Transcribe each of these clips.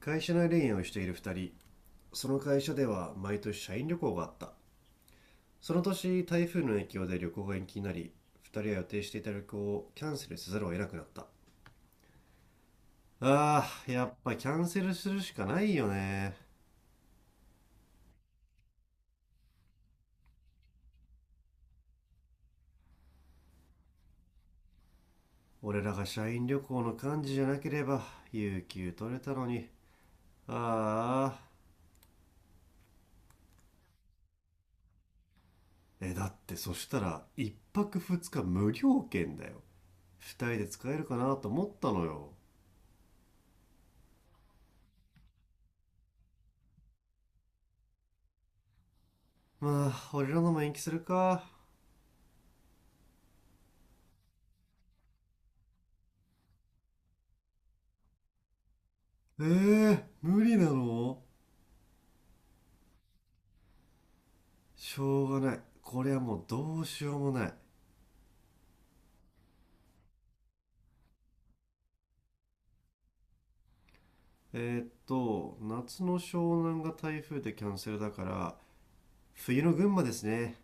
会社内恋愛をしている2人。その会社では毎年社員旅行があった。その年台風の影響で旅行が延期になり、2人は予定していた旅行をキャンセルせざるを得なくなった。やっぱキャンセルするしかないよね。俺らが社員旅行の幹事じゃなければ有給取れたのに。ああ。だってそしたら1泊2日無料券だよ。2人で使えるかなと思ったのよ。まあ俺らのも延期するか。えー、無理なの？しょうがない。これはもうどうしようもない。えーっと、夏の湘南が台風でキャンセルだから、冬の群馬ですね。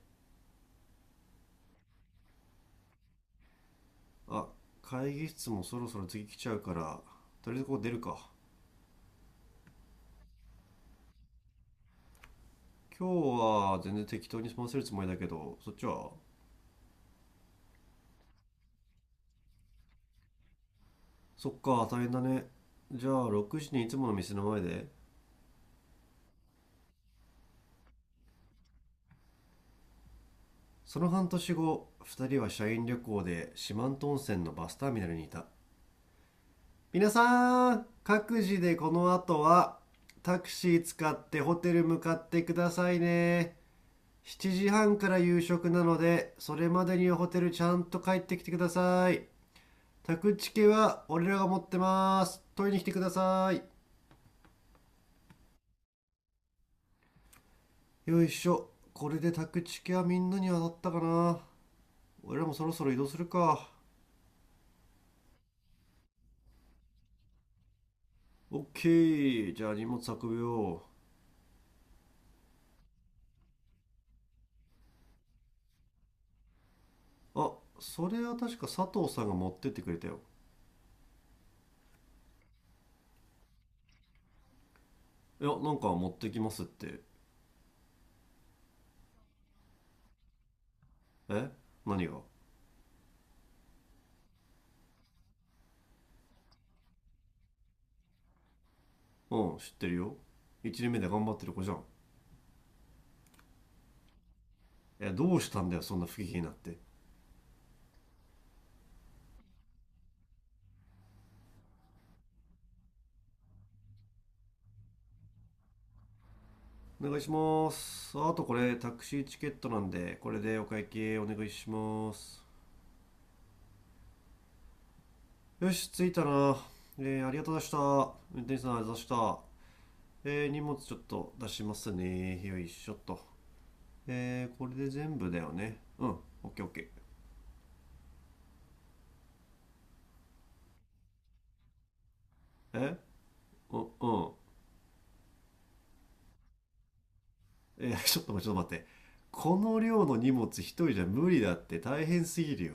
あ、会議室もそろそろ次来ちゃうから、とりあえずここ出るか。今日は全然適当に済ませるつもりだけど、そっちは？そっか、大変だね。じゃあ6時にいつもの店の前で。その半年後、2人は社員旅行で四万十温泉のバスターミナルにいた。皆さん各自でこの後はタクシー使ってホテル向かってくださいね。7時半から夕食なのでそれまでにホテルちゃんと帰ってきてください。宅チケは俺らが持ってます。取りに来てください。よいしょこれで宅チケはみんなに当たったかな。俺らもそろそろ移動するか。オッケー、じゃあ荷物運ぶよ。あ、それは確か佐藤さんが持ってってくれたよ。いやなんか持ってきますって。え、何が？うん、知ってるよ。1年目で頑張ってる子じゃん。どうしたんだよ、そんな不機嫌になって。お願いします。あとこれタクシーチケットなんで、これでお会計お願いします。よし、着いたな。ありがとうございました。運転手さんありがとうございました。荷物ちょっと出しますね。よいしょっとこれで全部だよね。うん。オッケーオッケー。うん。ちょっと待って、ちょっと待って。この量の荷物一人じゃ無理だって。大変すぎるよ。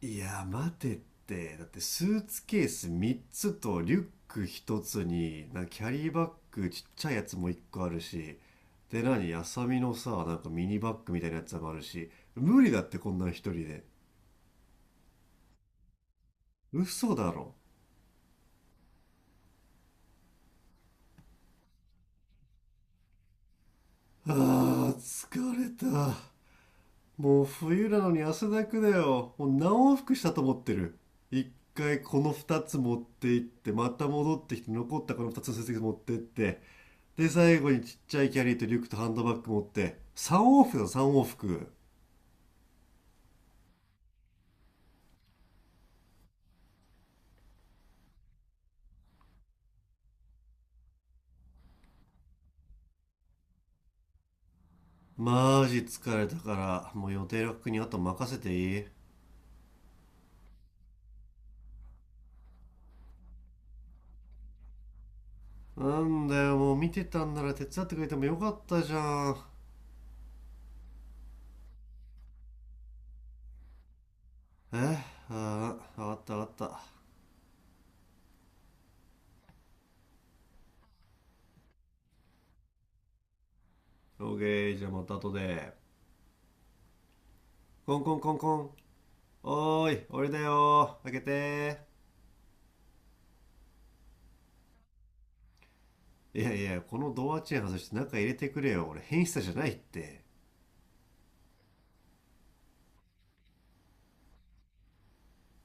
いや待てって。だってスーツケース3つとリュック1つになんかキャリーバッグちっちゃいやつも1個あるし、で何あさみのさ、なんかミニバッグみたいなやつもあるし。無理だって、こんなん1人で。嘘だろ。疲れた。もう冬なのに汗だくだよ。もう何往復したと思ってる。一回この二つ持って行って、また戻ってきて、残ったこの二つの成績持ってって、で、最後にちっちゃいキャリーとリュックとハンドバッグ持って、三往復だよ、三往復。マジ疲れたから、もう予定楽にあと任せていい？なんだよ、もう見てたんなら手伝ってくれてもよかったじゃん。えああ、わかった、わかった。オーケー、じゃあまた後で。コンコンコンコン。おーい、俺だよー。開けて。ーいやいや、このドアチェーン外して中入れてくれよ。俺、変質者じゃないって。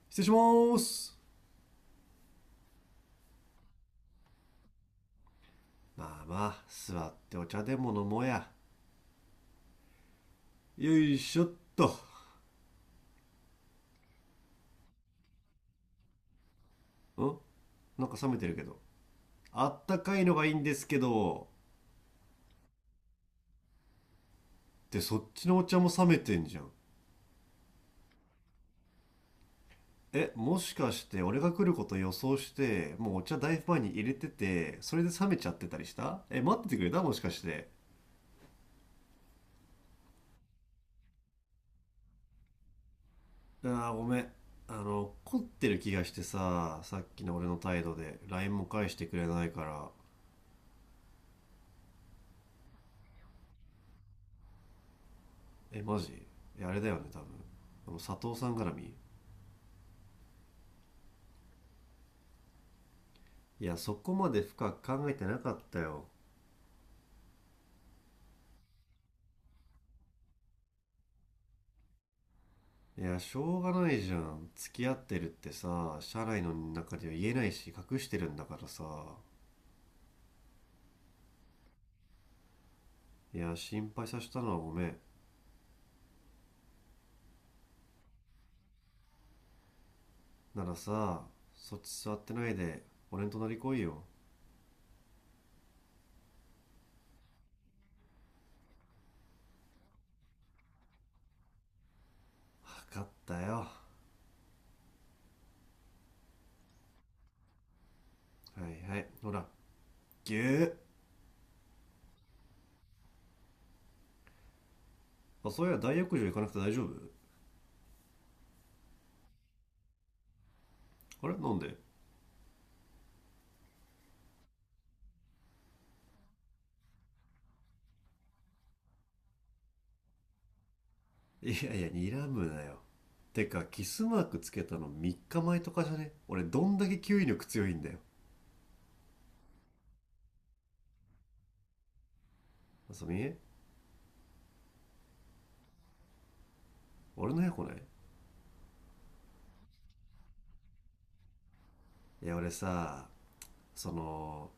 失礼しまーす。まあまあ、座ってお茶でも飲もうや。よいしょっと。ん、なんか冷めてるけど。あったかいのがいいんですけど。で、そっちのお茶も冷めてんじゃん。え、もしかして俺が来ること予想して、もうお茶大ファンに入れてて、それで冷めちゃってたりした？え、待っててくれた？もしかして。ああ、ごめん。怒ってる気がしてさ、さっきの俺の態度で、 LINE も返してくれないから。え、マジ？いやあれだよね、多分、佐藤さん絡み。いや、そこまで深く考えてなかったよ。いやしょうがないじゃん、付き合ってるってさ社内の中では言えないし、隠してるんだからさ。いや心配させたのはごめん。ならさ、そっち座ってないで俺の隣来いよ。分かったよ、はいはい、ほら、ぎゅー。まあそういや大浴場行かなくて大丈夫？あれなんで？いやいや睨むなよ。てかキスマークつけたの3日前とかじゃね？俺どんだけ吸引力強いんだよ。あ、そみ。俺の部屋来ない？いや俺さ、その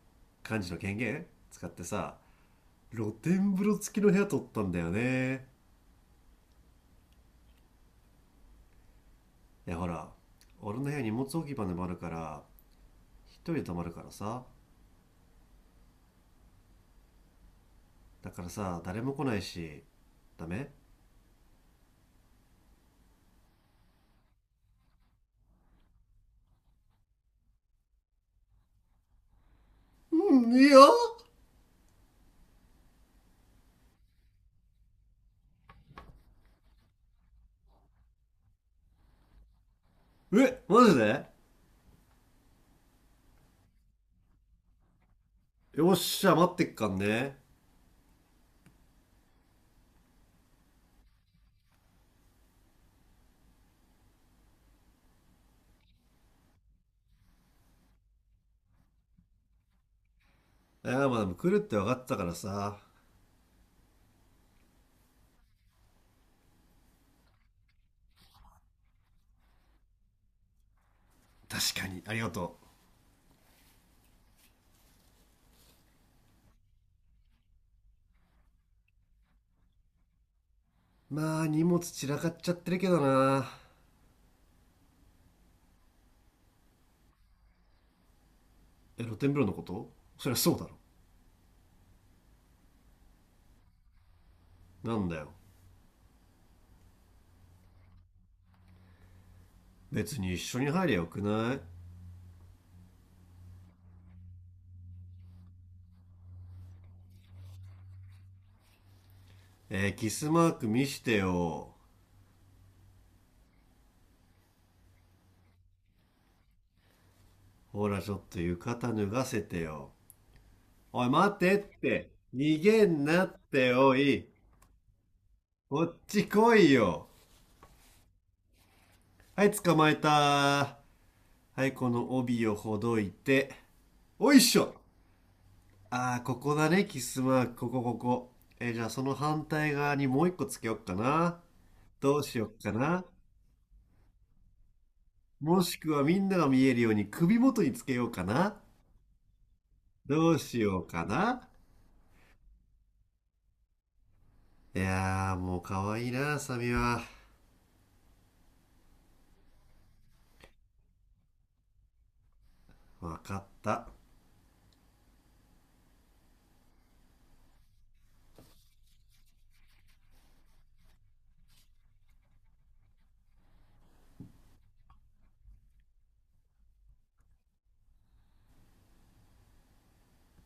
幹事の権限使ってさ、露天風呂付きの部屋取ったんだよね。いやほら、俺の部屋荷物置き場でもあるから、一人で泊まるからさ、だからさ誰も来ないし。ダメ？うん、いいよ。え、マジで？よっしゃ、待ってっかんね。いや、まあでも来るって分かったからさ。確かに、ありがとう。まあ、荷物散らかっちゃってるけどな。え、露天風呂のこと？そりゃそうだろ。なんだよ。別に一緒に入りゃよくない？えー、キスマーク見してよ。ほら、ちょっと浴衣脱がせてよ。おい、待てって。逃げんなって、おい。こっち来いよ。はい、捕まえた。はい、この帯をほどいて。おいっしょああ、ここだね、キスマーク。ここ、ここ。えー、じゃあその反対側にもう一個つけよっかな。どうしよっかな。もしくはみんなが見えるように首元につけようかな。どうしようかな。いやー、もう可愛いな、サミは。わかった。